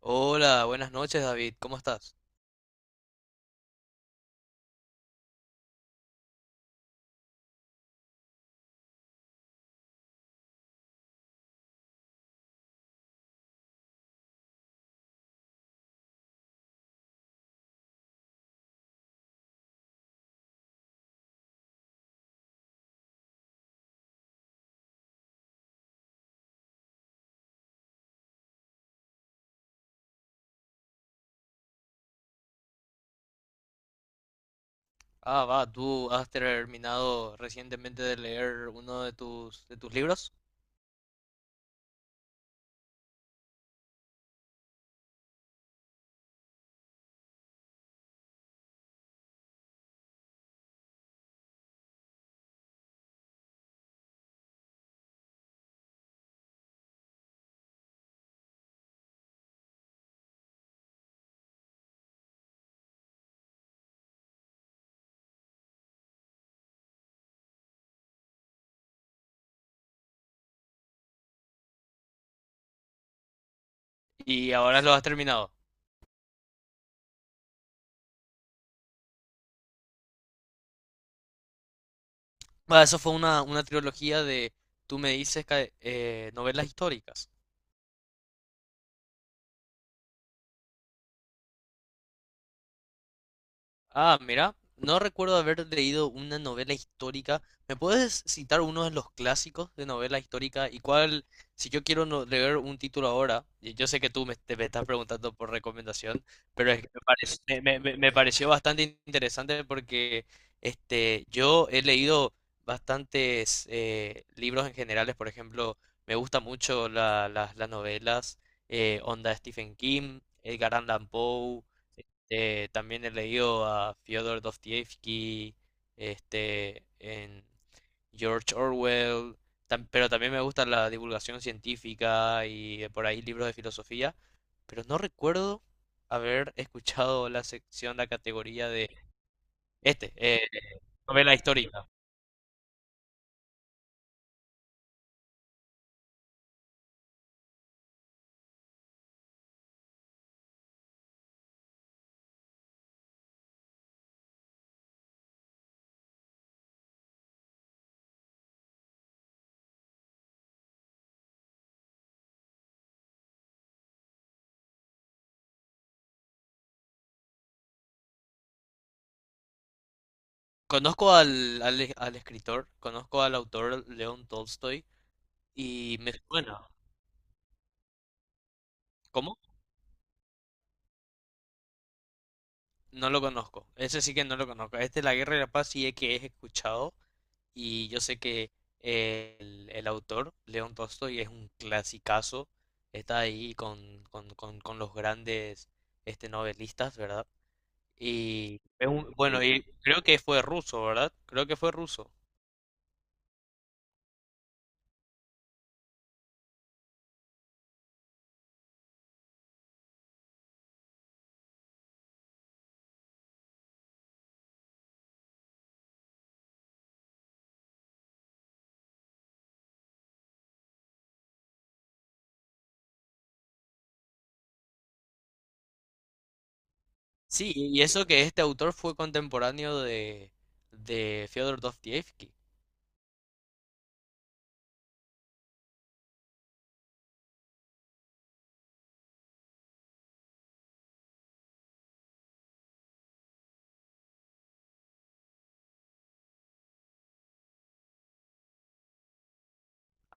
Hola, buenas noches David, ¿cómo estás? Ah, va, tú has terminado recientemente de leer uno de tus libros y ahora lo has terminado. Va, eso fue una trilogía de, tú me dices, novelas históricas. Ah, mira, no recuerdo haber leído una novela histórica. ¿Me puedes citar uno de los clásicos de novela histórica? ¿Y cuál, si yo quiero leer un título ahora, y yo sé que tú me estás preguntando por recomendación, pero es que me, parec- me- me- me- me pareció bastante interesante porque yo he leído bastantes libros en generales, por ejemplo, me gustan mucho las novelas, onda Stephen King, Edgar Allan Poe, también he leído a Fyodor Dostoyevsky, este, en George Orwell, pero también me gusta la divulgación científica y por ahí libros de filosofía, pero no recuerdo haber escuchado la sección, la categoría de este, eh, novela histórica. Conozco al escritor, conozco al autor León Tolstoy y me suena. ¿Cómo? No lo conozco. Ese sí que no lo conozco. Este, La Guerra y la Paz, sí es que he escuchado. Y yo sé que el autor, León Tolstoy, es un clasicazo, está ahí con los grandes novelistas, ¿verdad? Y es un, bueno, y creo que fue ruso, ¿verdad? Creo que fue ruso. Sí, y eso que este autor fue contemporáneo de Fyodor Dostoyevsky.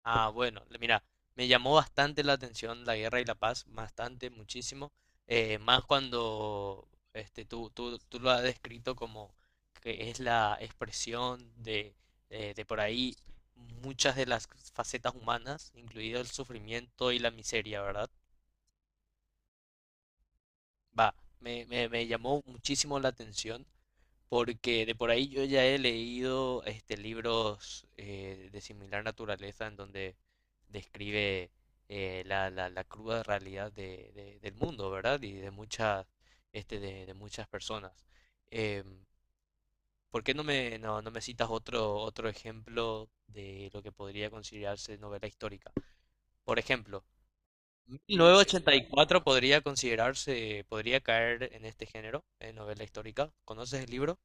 Ah, bueno, mira, me llamó bastante la atención la guerra y la paz, bastante, muchísimo, más cuando tú lo has descrito como que es la expresión de por ahí muchas de las facetas humanas, incluido el sufrimiento y la miseria, ¿verdad? Va, me llamó muchísimo la atención porque de por ahí yo ya he leído libros de similar naturaleza en donde describe la cruda realidad de, del mundo, ¿verdad? Y de muchas, de muchas personas. Em, ¿Por qué no no me citas otro, otro ejemplo de lo que podría considerarse novela histórica? Por ejemplo, 1984 podría considerarse, podría caer en este género, en novela histórica. ¿Conoces el libro?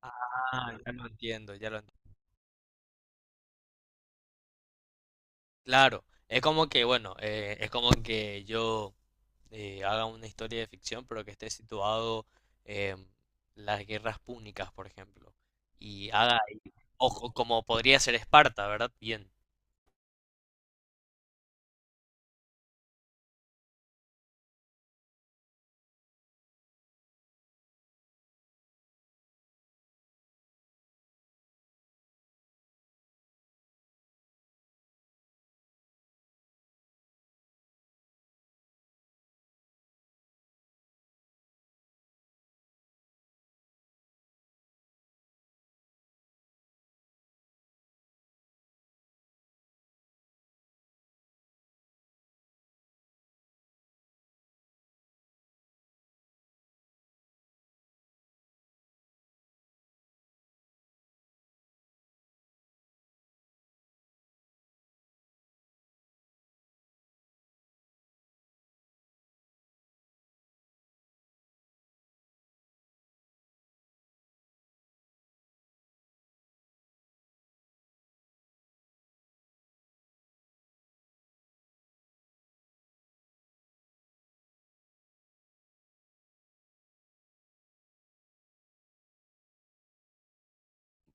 Ah, ya lo entiendo, ya lo entiendo. Claro, es como que, bueno, es como que yo haga una historia de ficción, pero que esté situado en las guerras púnicas, por ejemplo. Y haga, ojo, como podría ser Esparta, ¿verdad? Bien,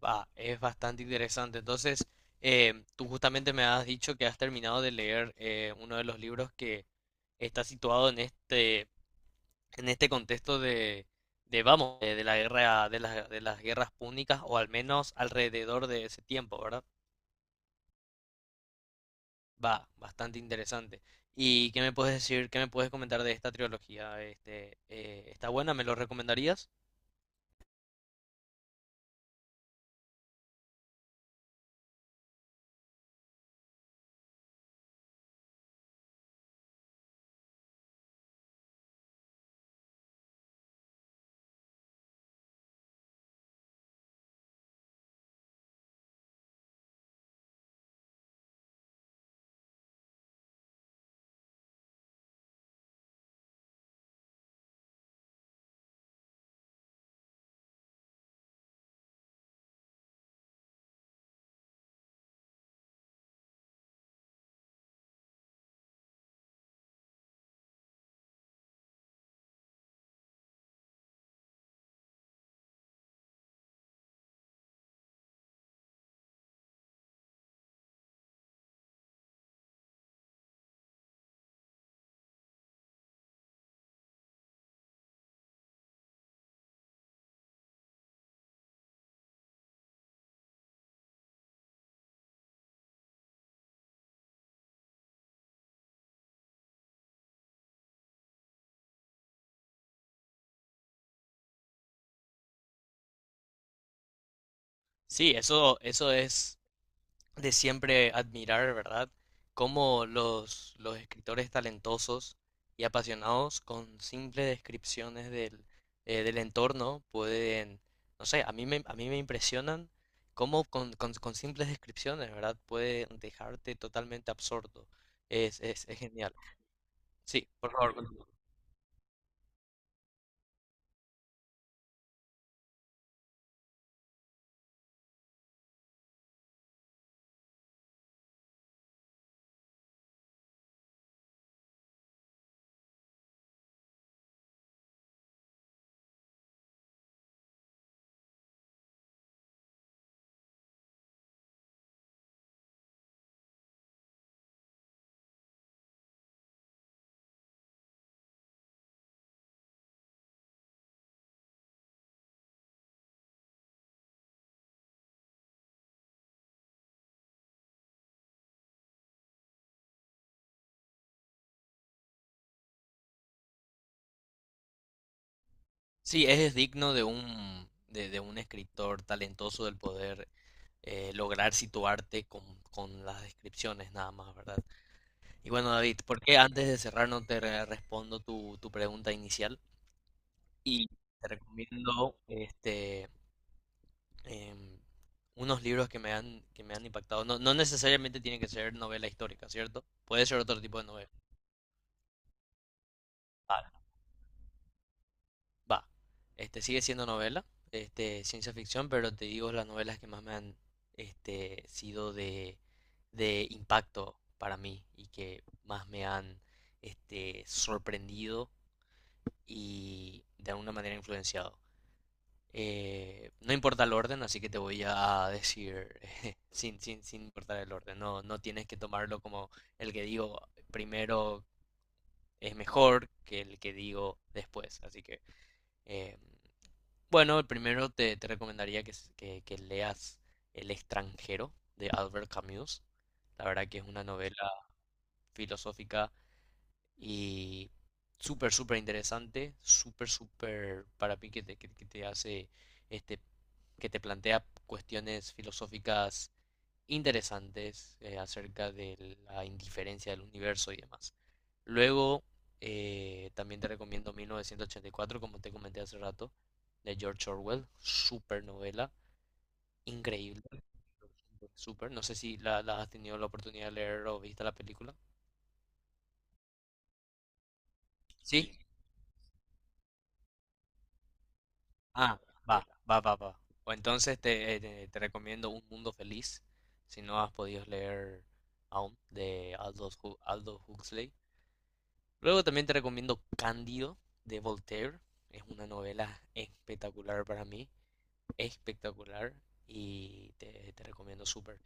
va, es bastante interesante. Entonces, tú justamente me has dicho que has terminado de leer uno de los libros que está situado en este contexto de vamos, de la guerra, de las guerras púnicas, o al menos alrededor de ese tiempo, ¿verdad? Va, bastante interesante. ¿Y qué me puedes decir, qué me puedes comentar de esta trilogía? Este, ¿está buena? ¿Me lo recomendarías? Sí, eso es de siempre admirar, ¿verdad? Cómo los escritores talentosos y apasionados con simples descripciones del, del entorno pueden, no sé, a mí me impresionan cómo con simples descripciones, ¿verdad? Pueden dejarte totalmente absorto. Es genial. Sí, sí, es digno de un escritor talentoso el poder lograr situarte con las descripciones nada más, ¿verdad? Y bueno, David, ¿por qué antes de cerrar no te respondo tu, tu pregunta inicial? Y te recomiendo em, unos libros que me han impactado. No, no necesariamente tienen que ser novela histórica, ¿cierto? Puede ser otro tipo de novela. Vale. Va. Este, sigue siendo novela, este, ciencia ficción, pero te digo las novelas que más me han sido de impacto para mí y que más me han sorprendido y de alguna manera influenciado. No importa el orden, así que te voy a decir sin importar el orden. No, no tienes que tomarlo como el que digo primero es mejor que el que digo después. Así que, eh, bueno, primero te recomendaría que leas El extranjero de Albert Camus. La verdad que es una novela filosófica. Y súper, súper interesante, súper, súper para mí que que te hace, este, que te plantea cuestiones filosóficas interesantes acerca de la indiferencia del universo y demás. Luego, también te recomiendo 1984, como te comenté hace rato, de George Orwell, súper novela, increíble, súper. No sé si la has tenido la oportunidad de leer o viste la película. Sí. Ah, va, va, va, va. O entonces te recomiendo Un Mundo Feliz, si no has podido leer aún, de Aldous Huxley. Luego también te recomiendo Cándido, de Voltaire. Es una novela espectacular para mí, espectacular, y te recomiendo súper.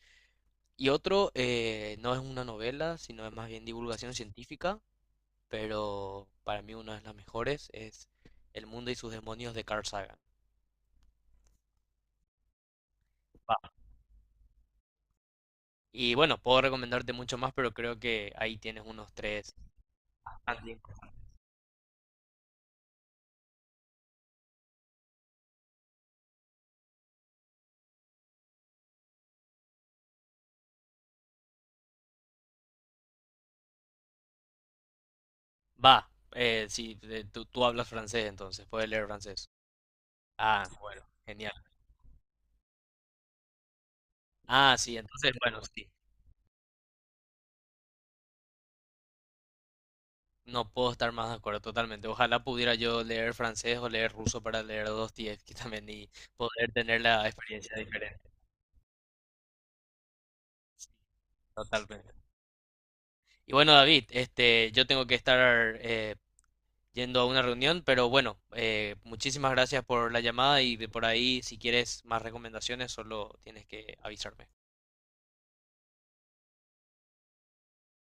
Y otro, no es una novela, sino es más bien divulgación científica, pero para mí una de las mejores es El mundo y sus demonios de Carl Sagan. Y bueno, puedo recomendarte mucho más, pero creo que ahí tienes unos tres. Andy. Va, tú, tú hablas francés entonces, puedes leer francés. Ah, bueno, genial. Ah, sí, entonces, bueno, sí. No puedo estar más de acuerdo totalmente. Ojalá pudiera yo leer francés o leer ruso para leer Dostoyevsky también y poder tener la experiencia diferente, totalmente. Y bueno, David, este, yo tengo que estar yendo a una reunión, pero bueno, muchísimas gracias por la llamada y de por ahí, si quieres más recomendaciones, solo tienes que avisarme.